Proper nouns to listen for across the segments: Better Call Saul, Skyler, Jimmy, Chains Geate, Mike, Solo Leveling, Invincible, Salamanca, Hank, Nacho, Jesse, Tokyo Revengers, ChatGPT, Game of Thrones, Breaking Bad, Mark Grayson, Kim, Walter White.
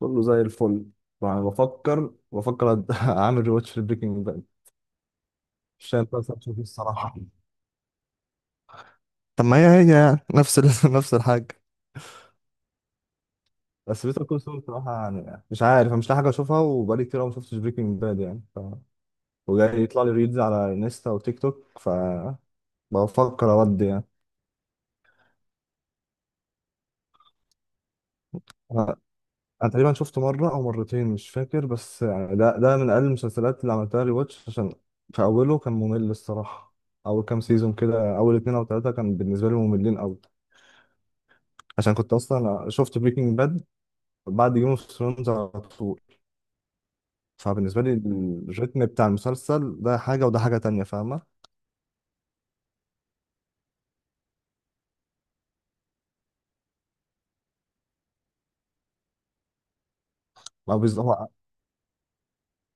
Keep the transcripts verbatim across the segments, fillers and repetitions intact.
كله زي الفل. طبعا بفكر بفكر أد- اعمل ريواتش في بريكنج باد عشان بس أشوف فيه الصراحه. طب ما هي هي يعني نفس ال... نفس الحاجة. بس بيتر كول سول الصراحه، يعني مش عارف، أنا مش لاقي حاجه اشوفها وبقالي كتير أوي ما شفتش بريكنج باد يعني ف... وجاي يطلع لي ريلز على انستا وتيك توك، ف بفكر اودي يعني. انا أنا تقريبا شفته مره او مرتين مش فاكر، بس يعني ده ده من اقل المسلسلات اللي عملتها ريواتش، عشان في اوله كان ممل الصراحه. اول كام سيزون كده، اول اتنين او تلاته كان بالنسبه لي مملين قوي، عشان كنت اصلا شفت بريكنج باد بعد جيم اوف ثرونز على طول. فبالنسبه لي الريتم بتاع المسلسل ده حاجه وده حاجه تانية، فاهمه. ما هو بز- هو،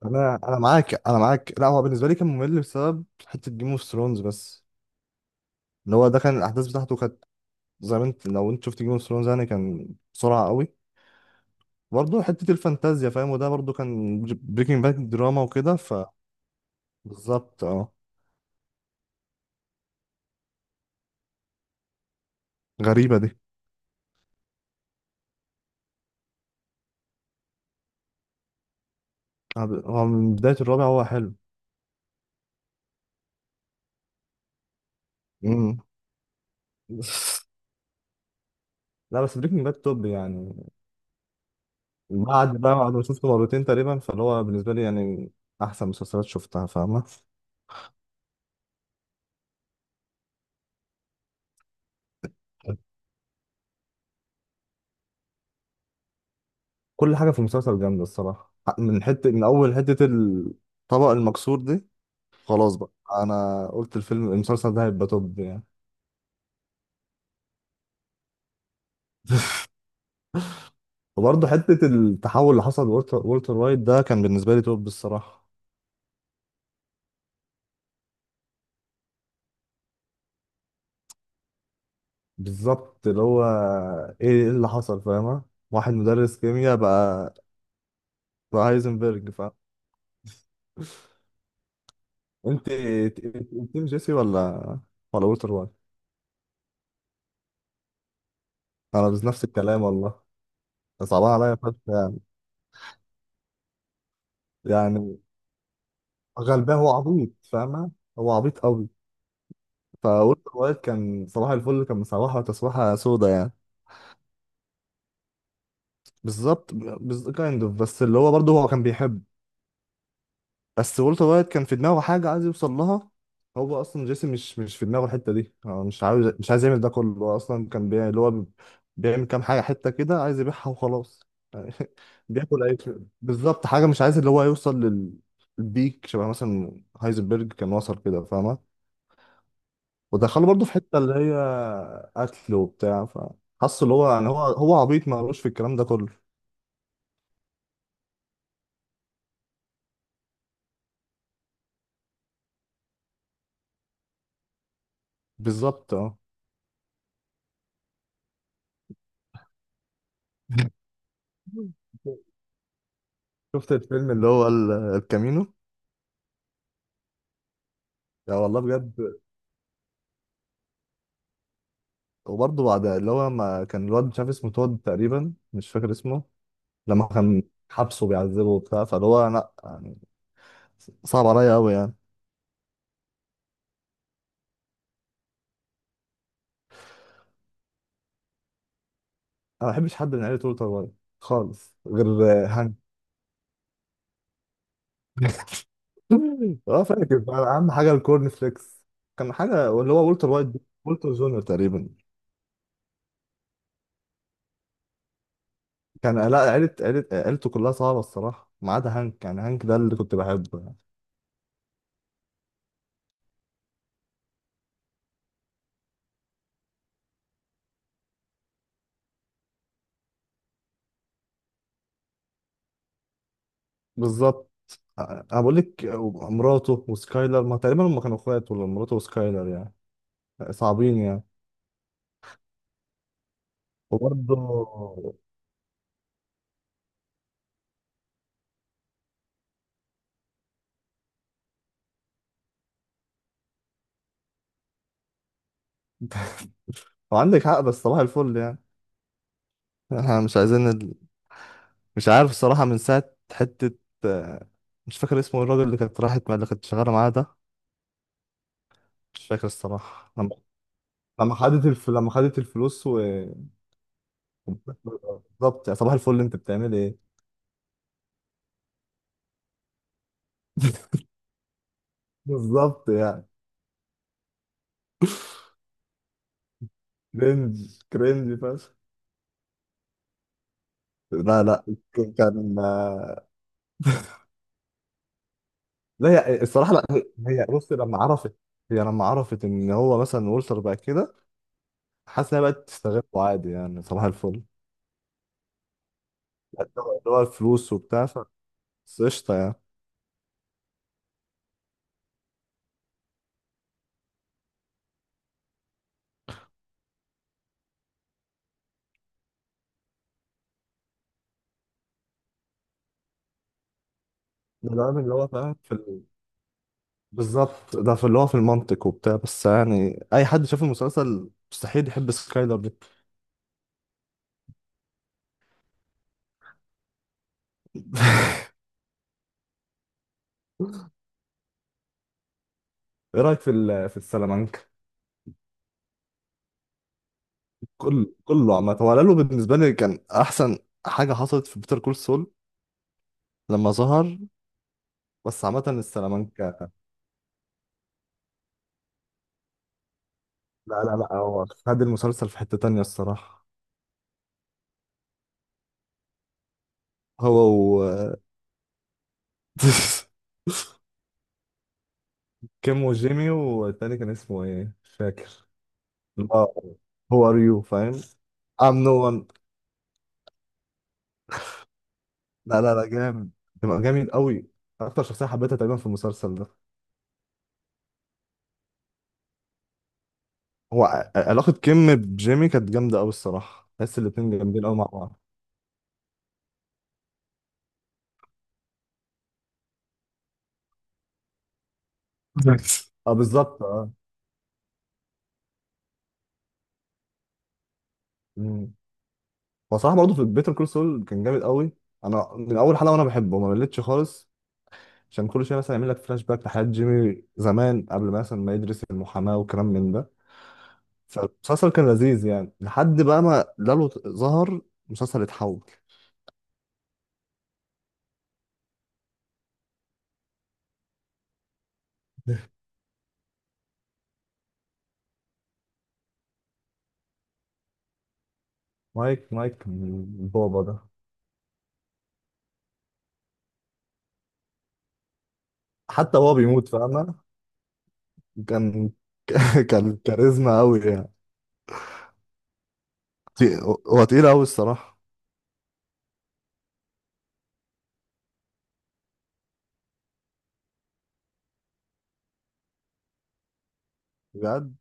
انا انا معاك، انا معاك، لا هو بالنسبه لي كان ممل بسبب حته جيم اوف ثرونز بس. اللي هو ده كان الاحداث بتاعته كانت زي ما انت، لو انت شفت جيم اوف ثرونز يعني، كان بسرعه قوي، برضه حته الفانتازيا فاهم، وده برضه كان بريكنج باد دراما وكده. فبالظبط اه. غريبه دي. هو من بدايه الرابع هو حلو. امم. لا، بس بريكنج باد توب يعني. بعد بقى بعد ما شفته مرتين تقريبا، فاللي هو بالنسبة لي يعني أحسن مسلسلات شفتها فاهمة. كل حاجة في المسلسل جامدة الصراحة، من حتة، من أول حتة الطبق المكسور دي. خلاص بقى، أنا قلت الفيلم المسلسل ده هيبقى توب يعني. وبرضه حتة التحول اللي حصل لولتر وولتر وايت ده كان بالنسبة لي توب الصراحة. بالظبط اللي هو، إيه إيه اللي حصل، فاهمة. واحد مدرس كيمياء بقى، بقى هايزنبرج، فاهم. أنت ت- ت- تيم جيسي ولا ولا وولتر وايت؟ انا بس نفس الكلام والله، صعبان عليا فشخ يعني. يعني غلبان، هو عبيط فاهمه، هو عبيط قوي. فقلت الواد كان صباح الفل، كان مصباحه تسويحه سودا يعني. بالظبط بز... كايند اوف، بس اللي هو برضه هو كان بيحب. بس والتر وايت كان في دماغه حاجه عايز يوصل لها. هو اصلا جيسي مش مش في دماغه الحته دي، هو مش عاوز مش عايز يعمل ده كله، هو اصلا كان بيعمل اللي هو بيعمل كام حاجه حته كده عايز يبيعها وخلاص. بياكل اي شيء بالظبط، حاجه مش عايز اللي هو يوصل للبيك، شبه مثلا هايزنبرج كان وصل كده فاهمه. ودخله برضه في حته اللي هي قتل وبتاع، فحس اللي هو يعني، هو هو عبيط، ما في الكلام ده كله. بالظبط اه. شفت الفيلم اللي هو ال- الكامينو. يا والله بجد. وبرضه بعد اللي هو، ما كان الواد مش عارف اسمه، تود تقريبا مش فاكر اسمه، لما كان حبسه بيعذبه وبتاع، فاللي هو لا يعني، صعب عليا قوي يعني. انا ما بحبش حد من عيلة وولتر وايت خالص، غير آه، هانك. اه فاكر بقى، اهم حاجه الكورن فليكس. كان حاجه اللي هو والتر وايت ده، والتر جونيور تقريبا، كان لا، عيله عيله عيلته كلها صعبه الصراحه ما عدا هانك يعني، هانك ده اللي كنت بحبه يعني. بالظبط آه، انا بقول لك آه، مراته وسكايلر، ما تقريبا هم كانوا اخوات، ولا مراته وسكايلر يعني صعبين يعني. وبرضه وعندك حق، بس صباح الفل يعني، احنا مش عايزين ال... مش عارف الصراحة، من ساعة حتة آه، مش فاكر اسمه، الراجل اللي كانت راحت مع اللي كانت شغالة معاه ده، مش فاكر الصراحة لما، لما خدت الف... لما خدت الفلوس و بالظبط يا صباح الفل انت بتعمل ايه. بالظبط يعني. كرنج كرنج فشخ. لا لا، ك- كان، لا هي الصراحة لا هي، هي بص لما عرفت، هي لما عرفت ان هو مثلا والتر بقى كده، حاسس انها بقت تستغله عادي يعني صباح الفل، اللي هو الفلوس وبتاع، بس قشطة يعني. ده العامل اللي هو فاهم في ال... بالظبط ده في اللي هو في المنطق وبتاع، بس يعني أي حد شاف المسلسل مستحيل يحب سكايلر دي. إيه رأيك في ال... في السلامانكا؟ كل كله عامة، هو لالو بالنسبة لي كان أحسن حاجة حصلت في بيتر كول سول لما ظهر. بس عامة السلامانكا، لا لا لا، هو خد المسلسل في حتة تانية الصراحة. هو و كيم وجيمي، والتاني كان اسمه إيه؟ مش فاكر. اللي هو هو، ار يو فاهم؟ I'm no one. لا لا لا جامد، ده جامد قوي، اكتر شخصيه حبيتها تقريبا في المسلسل ده. هو ع- علاقه كيم بجيمي كانت جامده قوي الصراحه، تحس الاتنين جامدين قوي مع بعض. بالظبط، اه بالظبط اه. مم. هو صراحه برضه في بيتر كول سول كان جامد قوي، انا من اول حلقه وانا بحبه ما مليتش خالص، عشان كل شويه مثلا يعمل لك فلاش باك لحياه جيمي زمان قبل ما مثلا ما يدرس المحاماه وكلام من ده. فالمسلسل كان لذيذ يعني، لحد بقى ما لالو ت- ظهر، المسلسل اتحول. مايك مايك من بابا ده. حتى هو بيموت فاهمه. كان كان كاريزما قوي يعني. تي- هو تقيل قوي الصراحه. بجد.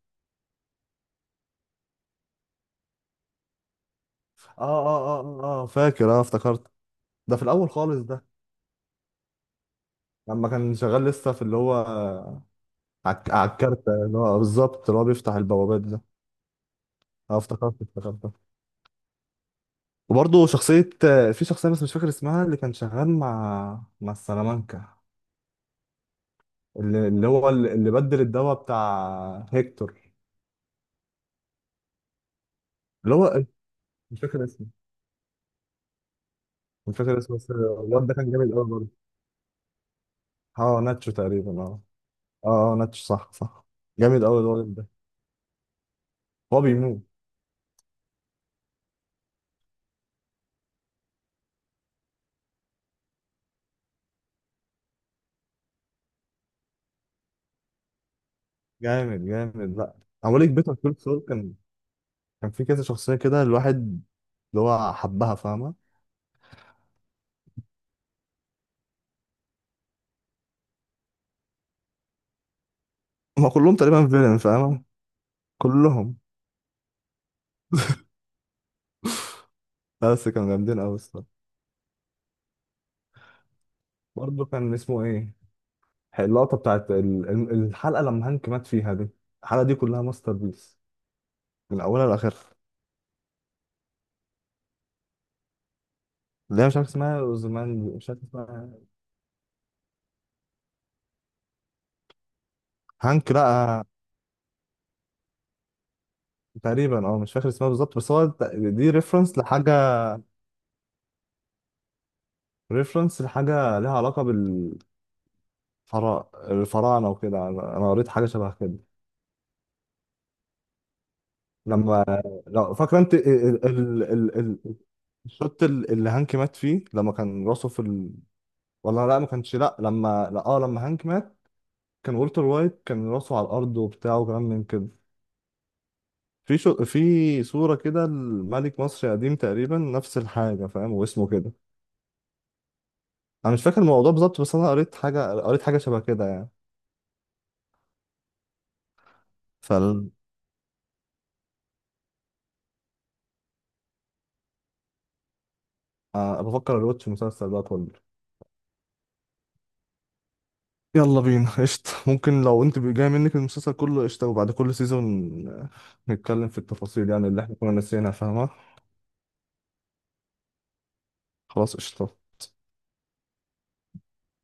اه اه اه اه آه، فاكر اه افتكرت. ده في الاول خالص ده، لما كان شغال لسه في اللي هو عك- على الكارتة اللي هو بالظبط اللي هو بيفتح البوابات ده. اه افتكرت افتكرت. وبرضه شخصية، في شخصية بس مش فاكر اسمها اللي كان شغال مع مع السلامانكا، اللي, اللي هو اللي اللي بدل الدواء بتاع هيكتور. اللي هو إيه؟ مش فاكر اسمه، مش فاكر اسمه بس الواد ده كان جامد قوي برضه. اه ناتشو تقريبا اه. اه اه ناتش صح صح. جامد قوي الولد ده. هو بيموت. جامد جامد. لا عمال يكبت كل سول، كان كان في كذا شخصيه كده الواحد اللي هو حبها فاهمه. هما كلهم تقريبا فيلن فاهمه، كلهم. لا، بس كانوا جامدين قوي الصراحه. برضه كان اسمه ايه، اللقطه بتاعت ال- ال- الحلقه لما هانك مات فيها دي، الحلقه دي كلها ماستر بيس من اولها لاخرها. اللي هي مش عارف اسمها زمان، مش عارف اسمها. هانك لا. تقريبا اه مش فاكر اسمها بالظبط، بس هو ت- دي ريفرنس لحاجه، ريفرنس لحاجة ليها علاقة بالفراعنة، الفراعنة وكده، أنا أنا قريت حاجة شبه كده. لما لو فاكرة أنت ال... ال... ال... ال... الشوط ال- اللي هانك مات فيه، لما كان راسه في ال... ولا لا ما كانش، لا لما لا اه لما هانك مات، كان والتر وايت كان راسه على الأرض وبتاع وكلام من كده، في شو... في صورة كده لملك مصر قديم تقريبا نفس الحاجة فاهم، واسمه كده. أنا مش فاكر الموضوع بالظبط، بس أنا قريت حاجة، قريت حاجة شبه كده يعني. فال... آه، بفكر أروتش المسلسل ده كله. يلا بينا قشطة، ممكن لو انت جاي منك المسلسل كله قشطة، وبعد كل سيزون نتكلم في التفاصيل يعني اللي احنا كنا ناسيينها فاهمة. خلاص قشطة.